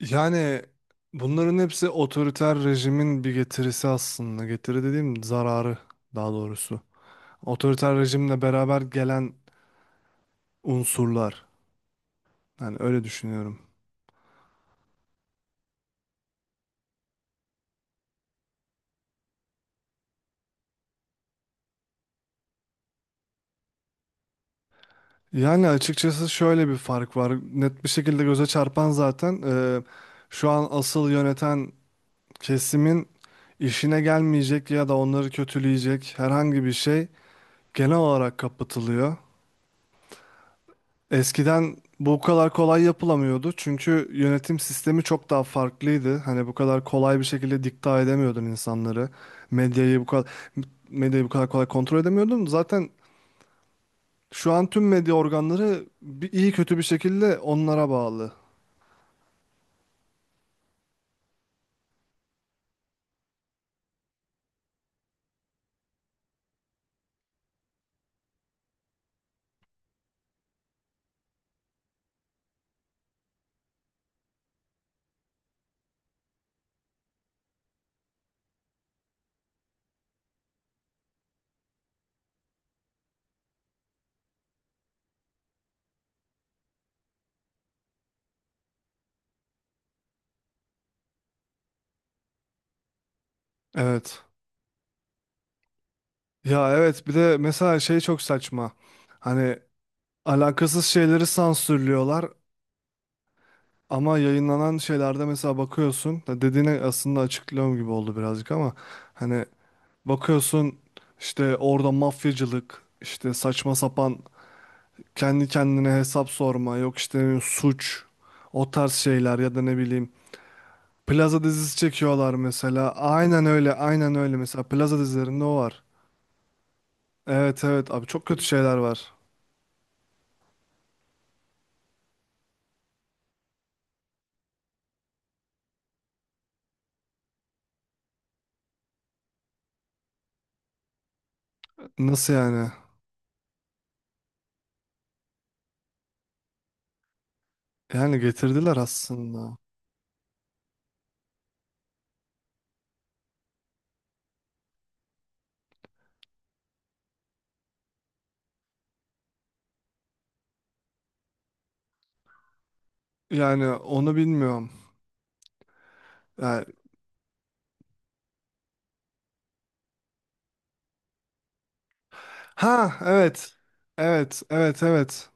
Yani bunların hepsi otoriter rejimin bir getirisi aslında. Getiri dediğim zararı daha doğrusu. Otoriter rejimle beraber gelen unsurlar. Yani öyle düşünüyorum. Yani açıkçası şöyle bir fark var. Net bir şekilde göze çarpan zaten şu an asıl yöneten kesimin işine gelmeyecek ya da onları kötüleyecek herhangi bir şey genel olarak kapatılıyor. Eskiden bu kadar kolay yapılamıyordu çünkü yönetim sistemi çok daha farklıydı. Hani bu kadar kolay bir şekilde dikte edemiyordun insanları. Medyayı bu kadar medyayı bu kadar kolay kontrol edemiyordun. Zaten şu an tüm medya organları bir, iyi kötü bir şekilde onlara bağlı. Evet. Ya evet, bir de mesela şey çok saçma. Hani alakasız şeyleri sansürlüyorlar ama yayınlanan şeylerde mesela bakıyorsun. Ya dediğine aslında açıklıyorum gibi oldu birazcık ama hani bakıyorsun işte orada mafyacılık, işte saçma sapan kendi kendine hesap sorma, yok işte suç, o tarz şeyler ya da ne bileyim. Plaza dizisi çekiyorlar mesela. Aynen öyle, aynen öyle. Mesela Plaza dizilerinde o var. Evet evet, abi çok kötü şeyler var. Nasıl yani? Yani getirdiler aslında. Yani onu bilmiyorum. Yani... Ha evet. Evet, evet, evet.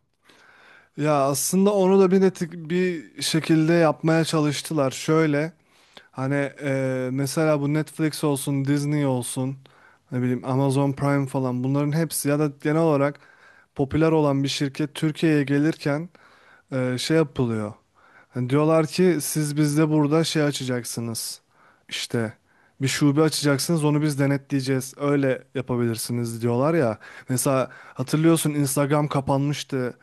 Ya aslında onu da bir netik bir şekilde yapmaya çalıştılar. Şöyle hani mesela bu Netflix olsun, Disney olsun, ne bileyim Amazon Prime falan, bunların hepsi ya da genel olarak popüler olan bir şirket Türkiye'ye gelirken şey yapılıyor. Hani diyorlar ki siz bizde burada şey açacaksınız. İşte bir şube açacaksınız, onu biz denetleyeceğiz. Öyle yapabilirsiniz diyorlar ya. Mesela hatırlıyorsun, Instagram kapanmıştı.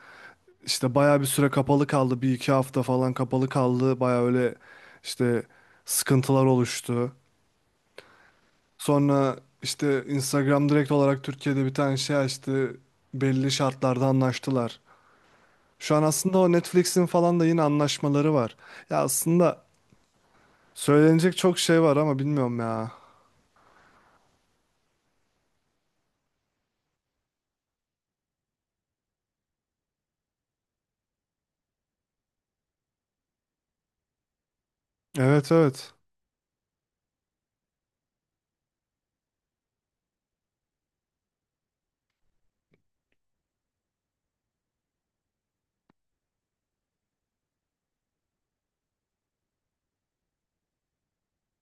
İşte bayağı bir süre kapalı kaldı. Bir iki hafta falan kapalı kaldı. Bayağı öyle işte sıkıntılar oluştu. Sonra işte Instagram direkt olarak Türkiye'de bir tane şey açtı. Belli şartlarda anlaştılar. Şu an aslında o Netflix'in falan da yine anlaşmaları var. Ya aslında söylenecek çok şey var ama bilmiyorum ya. Evet evet.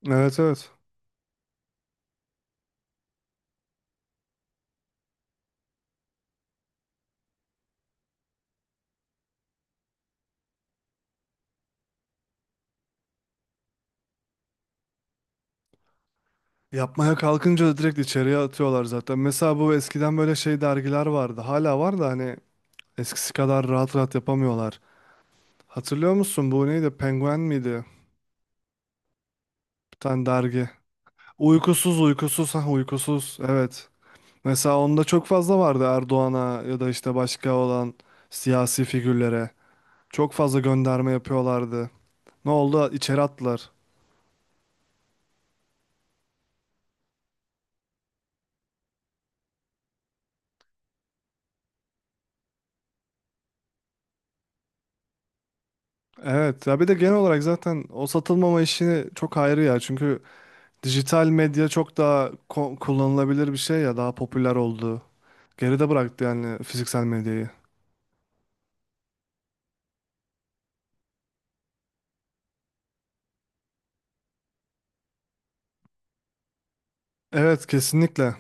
Evet evet. Yapmaya kalkınca da direkt içeriye atıyorlar zaten. Mesela bu eskiden böyle şey dergiler vardı. Hala var da hani eskisi kadar rahat rahat yapamıyorlar. Hatırlıyor musun bu neydi? Penguen miydi? Bir tane dergi. Uykusuz, uykusuz, ha uykusuz, evet. Mesela onda çok fazla vardı Erdoğan'a ya da işte başka olan siyasi figürlere. Çok fazla gönderme yapıyorlardı. Ne oldu? İçeri attılar. Evet ya, bir de genel olarak zaten o satılmama işini çok ayrı ya. Çünkü dijital medya çok daha kullanılabilir bir şey ya, daha popüler oldu. Geride bıraktı yani fiziksel medyayı. Evet kesinlikle.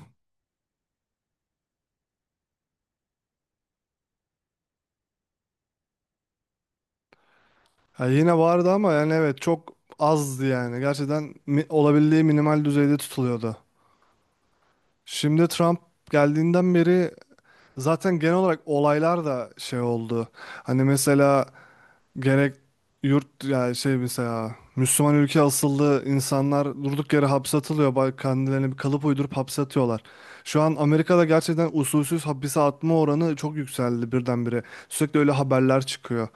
Ha, yine vardı ama yani evet çok azdı yani. Gerçekten olabildiği minimal düzeyde tutuluyordu. Şimdi Trump geldiğinden beri zaten genel olarak olaylar da şey oldu. Hani mesela gerek yurt yani şey mesela Müslüman ülke asıllı insanlar durduk yere hapse atılıyor. Kendilerine bir kalıp uydurup hapse atıyorlar. Şu an Amerika'da gerçekten usulsüz hapise atma oranı çok yükseldi birdenbire. Sürekli öyle haberler çıkıyor.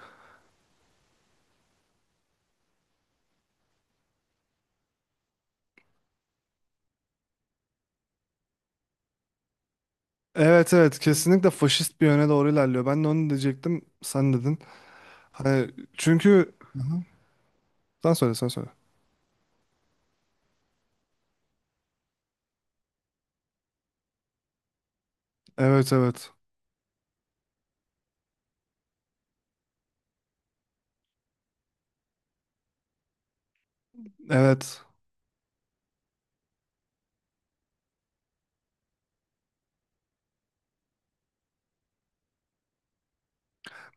Evet evet, kesinlikle faşist bir yöne doğru ilerliyor. Ben de onu diyecektim, sen dedin. Hani çünkü sen söyle, sen söyle. Evet evet. Evet.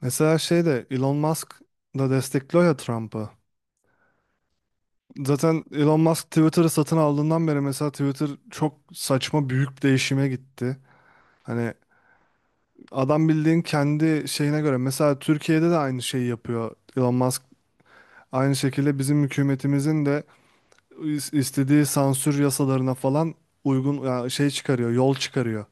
Mesela şey de Elon Musk da destekliyor ya Trump'ı. Zaten Elon Musk Twitter'ı satın aldığından beri mesela Twitter çok saçma büyük bir değişime gitti. Hani adam bildiğin kendi şeyine göre, mesela Türkiye'de de aynı şeyi yapıyor Elon Musk. Aynı şekilde bizim hükümetimizin de istediği sansür yasalarına falan uygun yani şey çıkarıyor, yol çıkarıyor.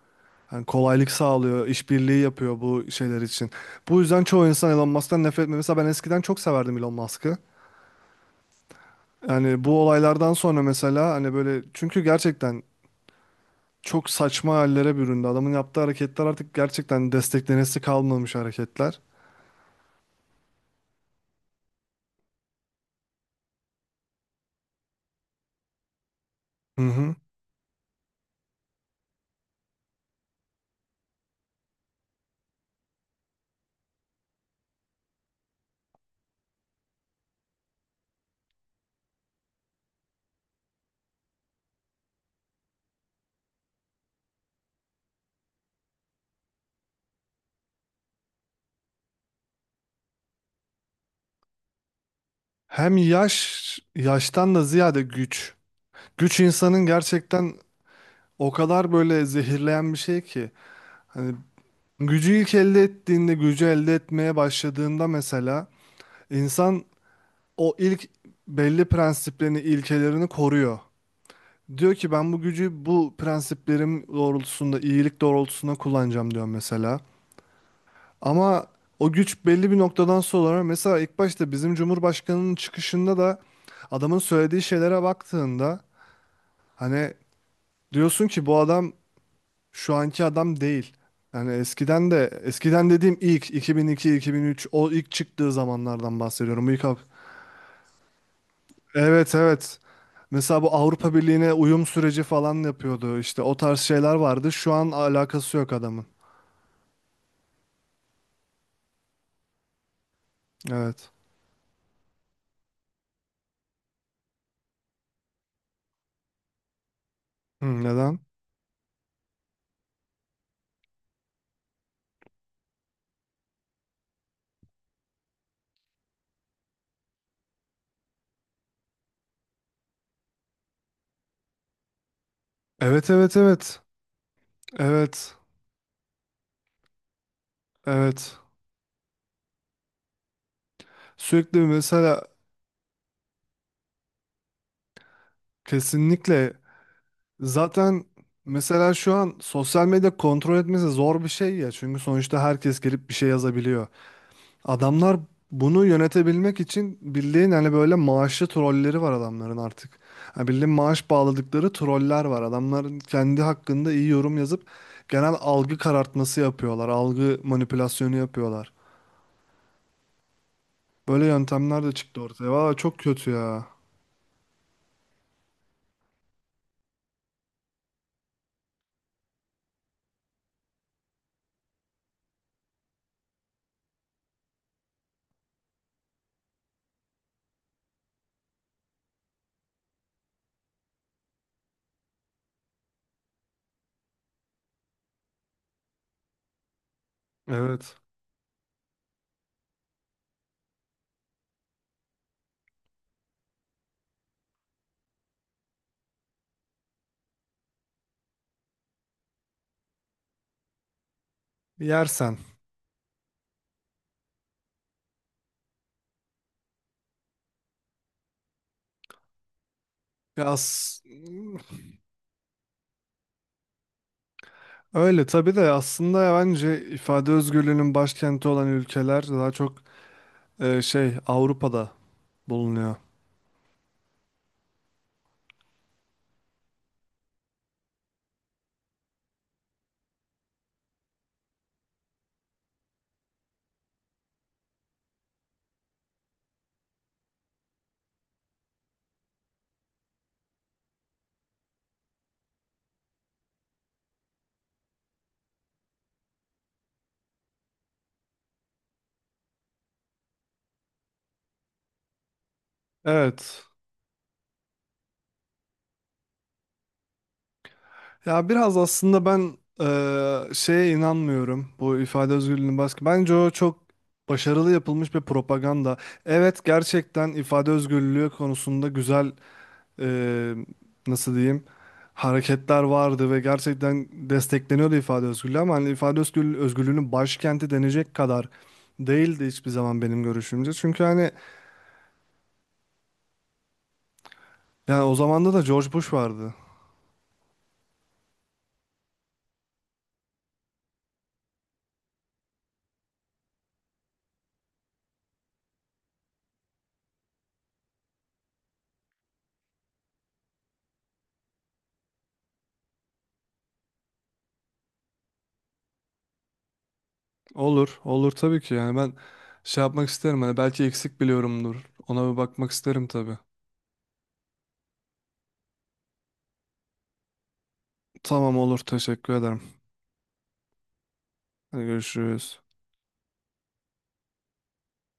Yani kolaylık sağlıyor, işbirliği yapıyor bu şeyler için. Bu yüzden çoğu insan Elon Musk'tan nefret etmiyor. Mesela ben eskiden çok severdim Elon Musk'ı. Yani bu olaylardan sonra mesela hani böyle, çünkü gerçekten çok saçma hallere büründü. Adamın yaptığı hareketler artık gerçekten desteklenesi kalmamış hareketler. Hı hı. Hem yaş, yaştan da ziyade güç. Güç insanın gerçekten o kadar böyle zehirleyen bir şey ki. Hani gücü ilk elde ettiğinde, gücü elde etmeye başladığında mesela insan o ilk belli prensiplerini, ilkelerini koruyor. Diyor ki ben bu gücü bu prensiplerim doğrultusunda, iyilik doğrultusunda kullanacağım diyor mesela. Ama o güç belli bir noktadan sonra, mesela ilk başta bizim Cumhurbaşkanı'nın çıkışında da adamın söylediği şeylere baktığında hani diyorsun ki bu adam şu anki adam değil. Yani eskiden de, eskiden dediğim ilk 2002-2003, o ilk çıktığı zamanlardan bahsediyorum. Bu ilk evet evet. Mesela bu Avrupa Birliği'ne uyum süreci falan yapıyordu. İşte o tarz şeyler vardı. Şu an alakası yok adamın. Evet. Hı, neden? Evet evet evet. Evet. Evet. Sürekli mesela kesinlikle zaten, mesela şu an sosyal medya kontrol etmesi zor bir şey ya. Çünkü sonuçta herkes gelip bir şey yazabiliyor. Adamlar bunu yönetebilmek için bildiğin hani böyle maaşlı trolleri var adamların artık. Yani bildiğin maaş bağladıkları troller var. Adamların kendi hakkında iyi yorum yazıp genel algı karartması yapıyorlar. Algı manipülasyonu yapıyorlar. Böyle yöntemler de çıktı ortaya. Valla çok kötü ya. Evet. Yersen. Ya as- öyle tabii de aslında ya bence ifade özgürlüğünün başkenti olan ülkeler daha çok şey Avrupa'da bulunuyor. Evet. Ya biraz aslında ben şeye inanmıyorum bu ifade özgürlüğünün baskı. Bence o çok başarılı yapılmış bir propaganda. Evet gerçekten ifade özgürlüğü konusunda güzel eee, nasıl diyeyim, hareketler vardı ve gerçekten destekleniyordu ifade özgürlüğü, ama hani ifade özgürlüğü, özgürlüğünün başkenti denecek kadar değildi hiçbir zaman benim görüşümce. Çünkü hani yani o zamanda da George Bush vardı. Olur, olur tabii ki. Yani ben şey yapmak isterim. Hani belki eksik biliyorumdur. Ona bir bakmak isterim tabii. Tamam olur, teşekkür ederim. Hadi görüşürüz.